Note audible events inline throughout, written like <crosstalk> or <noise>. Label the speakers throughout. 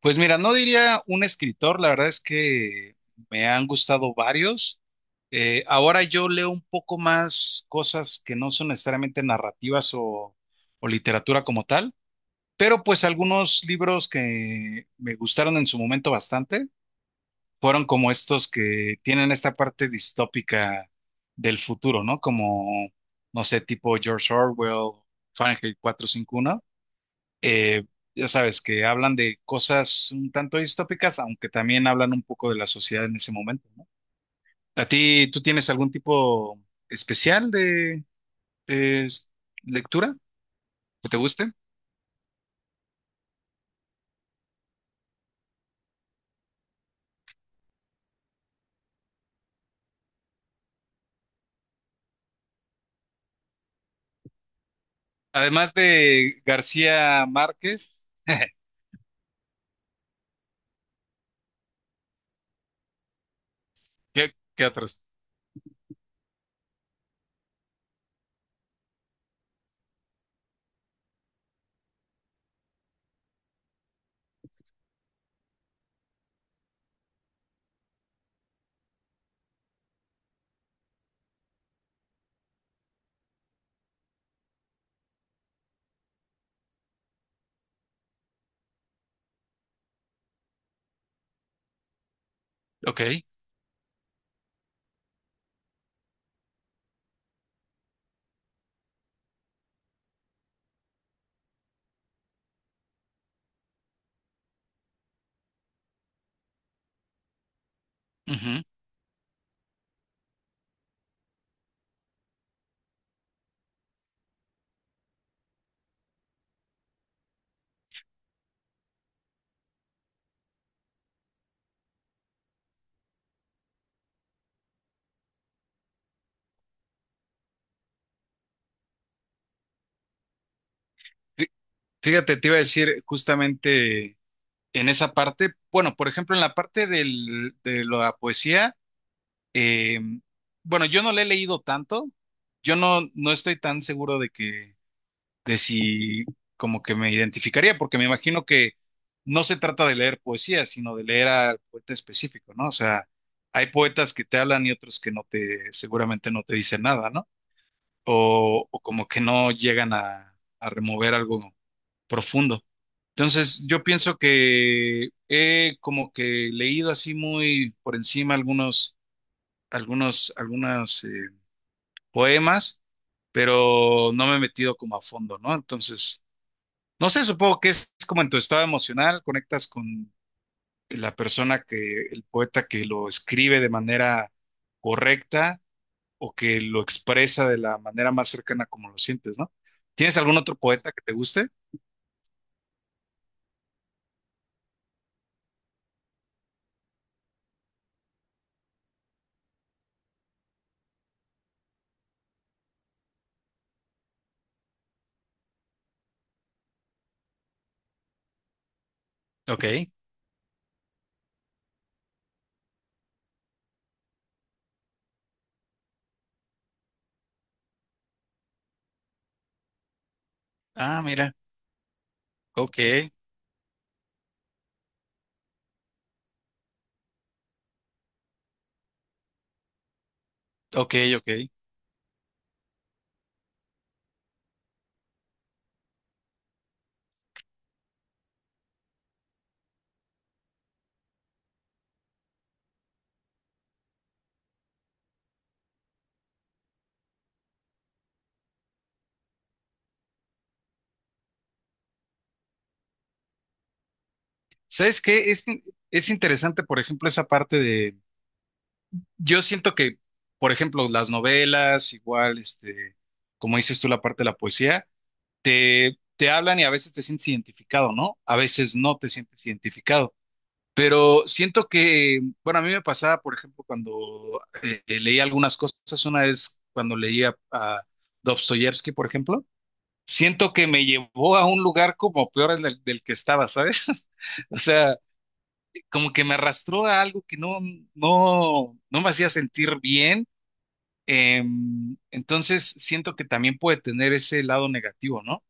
Speaker 1: Pues mira, no diría un escritor, la verdad es que me han gustado varios. Ahora yo leo un poco más cosas que no son necesariamente narrativas o literatura como tal, pero pues algunos libros que me gustaron en su momento bastante fueron como estos que tienen esta parte distópica del futuro, ¿no? Como, no sé, tipo George Orwell, Fahrenheit 451, eh, ya sabes, que hablan de cosas un tanto distópicas, aunque también hablan un poco de la sociedad en ese momento, ¿no? ¿A ti, tú tienes algún tipo especial de eh, lectura que te guste? Además de García Márquez, <laughs> qué otros? Ok. Ujú. Fí- Fíjate, te iba a decir justamente en esa parte, bueno, por ejemplo, en la parte de la poesía. Eh, bueno, yo no le he leído tanto. Yo no, no estoy tan seguro de que, de si como que me identificaría, porque me imagino que no se trata de leer poesía, sino de leer al poeta específico, ¿no? O sea, hay poetas que te hablan y otros que no seguramente no te dicen nada, ¿no? O como que no llegan a remover algo profundo. Entonces, yo pienso que he como que leído así muy por encima algunas, poemas, pero no me he metido como a fondo, ¿no? Entonces, no sé, supongo que es como en tu estado emocional, conectas con la persona que, el poeta que lo escribe de manera correcta o que lo expresa de la manera más cercana como lo sientes, ¿no? ¿Tienes algún otro poeta que te guste? Ok. Ah, mira. Ok, ok, ok. ¿Sabes qué? Es interesante, por ejemplo, esa parte de... Yo siento que, por ejemplo, las novelas, igual, este, como dices tú, la parte de la poesía, te hablan y a veces te sientes identificado, ¿no? A veces no te sientes identificado. Pero siento que, bueno, a mí me pasaba, por ejemplo, cuando leía algunas cosas, una vez cuando leía a Dostoyevsky, por ejemplo, siento que me llevó a un lugar como peor del que estaba, ¿sabes? <laughs> O sea, como que me arrastró a algo que no me hacía sentir bien. Entonces, siento que también puede tener ese lado negativo, ¿no?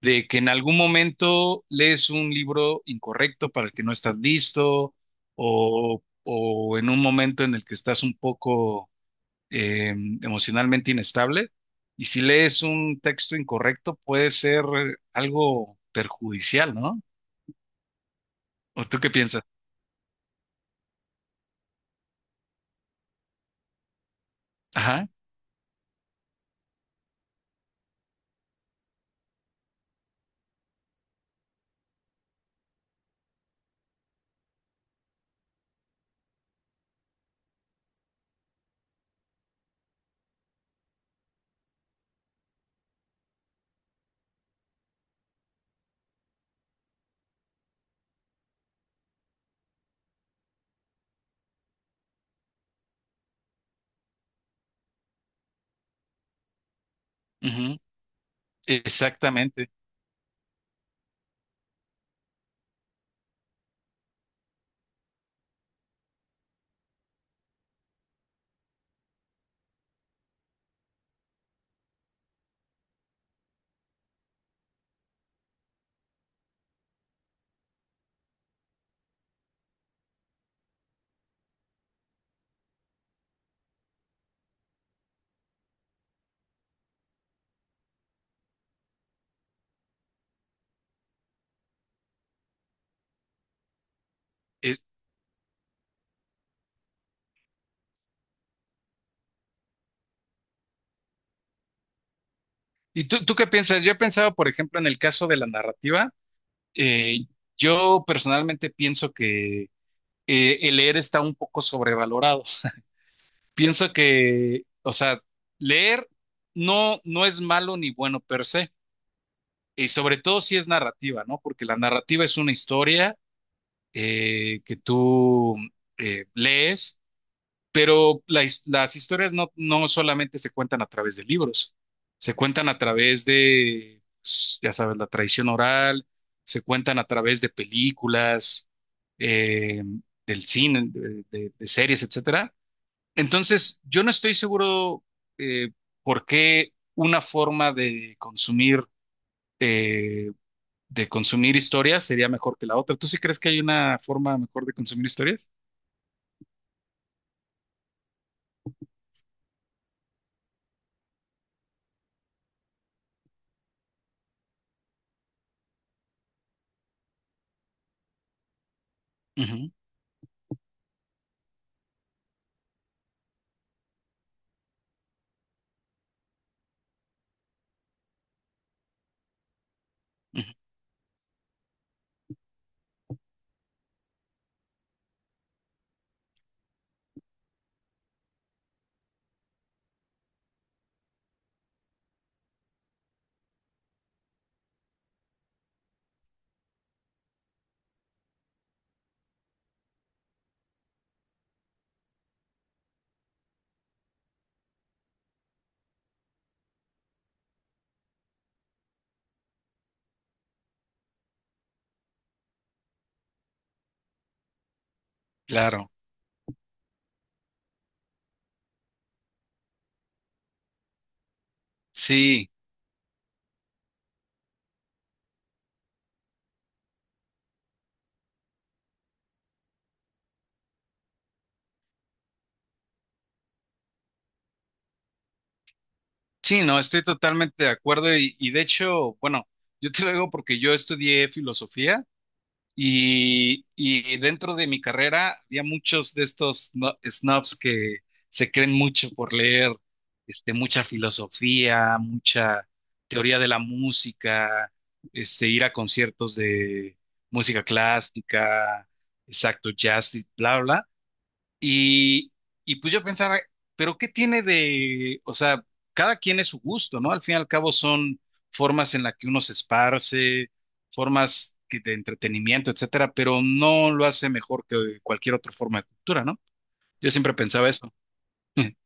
Speaker 1: De que en algún momento lees un libro incorrecto para el que no estás listo, o en un momento en el que estás un poco emocionalmente inestable. Y si lees un texto incorrecto, puede ser algo perjudicial, ¿no? ¿O tú qué piensas? Ajá, ujú, exactamente. Eh, ¿Y tú qué piensas? Yo he pensado, por ejemplo, en el caso de la narrativa. Eh, yo personalmente pienso que el leer está un poco sobrevalorado. <laughs> Pienso que, o sea, leer no es malo ni bueno per se, y sobre todo si es narrativa, ¿no? Porque la narrativa es una historia que tú lees. Pero la las historias no solamente se cuentan a través de libros, se cuentan a través de, pues, ya sabes, la tradición oral, se cuentan a través de películas, eh, del cine, de series, etcétera. Entonces, yo no estoy seguro eh, por qué una forma eh, de consumir historias sería mejor que la otra. ¿Tú sí crees que hay una forma mejor de consumir historias? Ujú, ujú, claro, sí, sí, no, estoy totalmente de acuerdo y de hecho, bueno, yo te lo digo porque yo estudié filosofía. Y dentro de mi carrera había muchos de estos snobs que se creen mucho por leer, este, mucha filosofía, mucha teoría de la música, este, ir a conciertos de música clásica, exacto, jazz y bla, bla. Y, y pues yo pensaba, pero ¿qué tiene de, o sea, cada quien es su gusto, ¿no? Al fin y al cabo son formas en las que uno se esparce, formas de entretenimiento, etcétera, pero no lo hace mejor que cualquier otra forma de cultura, ¿no? Yo siempre pensaba eso. <laughs>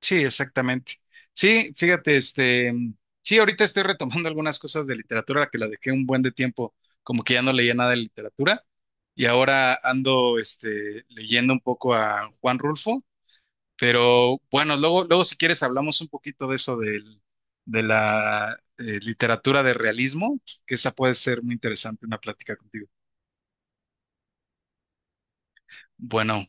Speaker 1: Sí, exactamente. Sí, fíjate, este, sí, ahorita estoy retomando algunas cosas de literatura que la dejé un buen de tiempo, como que ya no leía nada de literatura, y ahora ando, este, leyendo un poco a Juan Rulfo. Pero bueno, luego si quieres hablamos un poquito de eso de la literatura de realismo, que esa puede ser muy interesante una plática contigo. Bueno,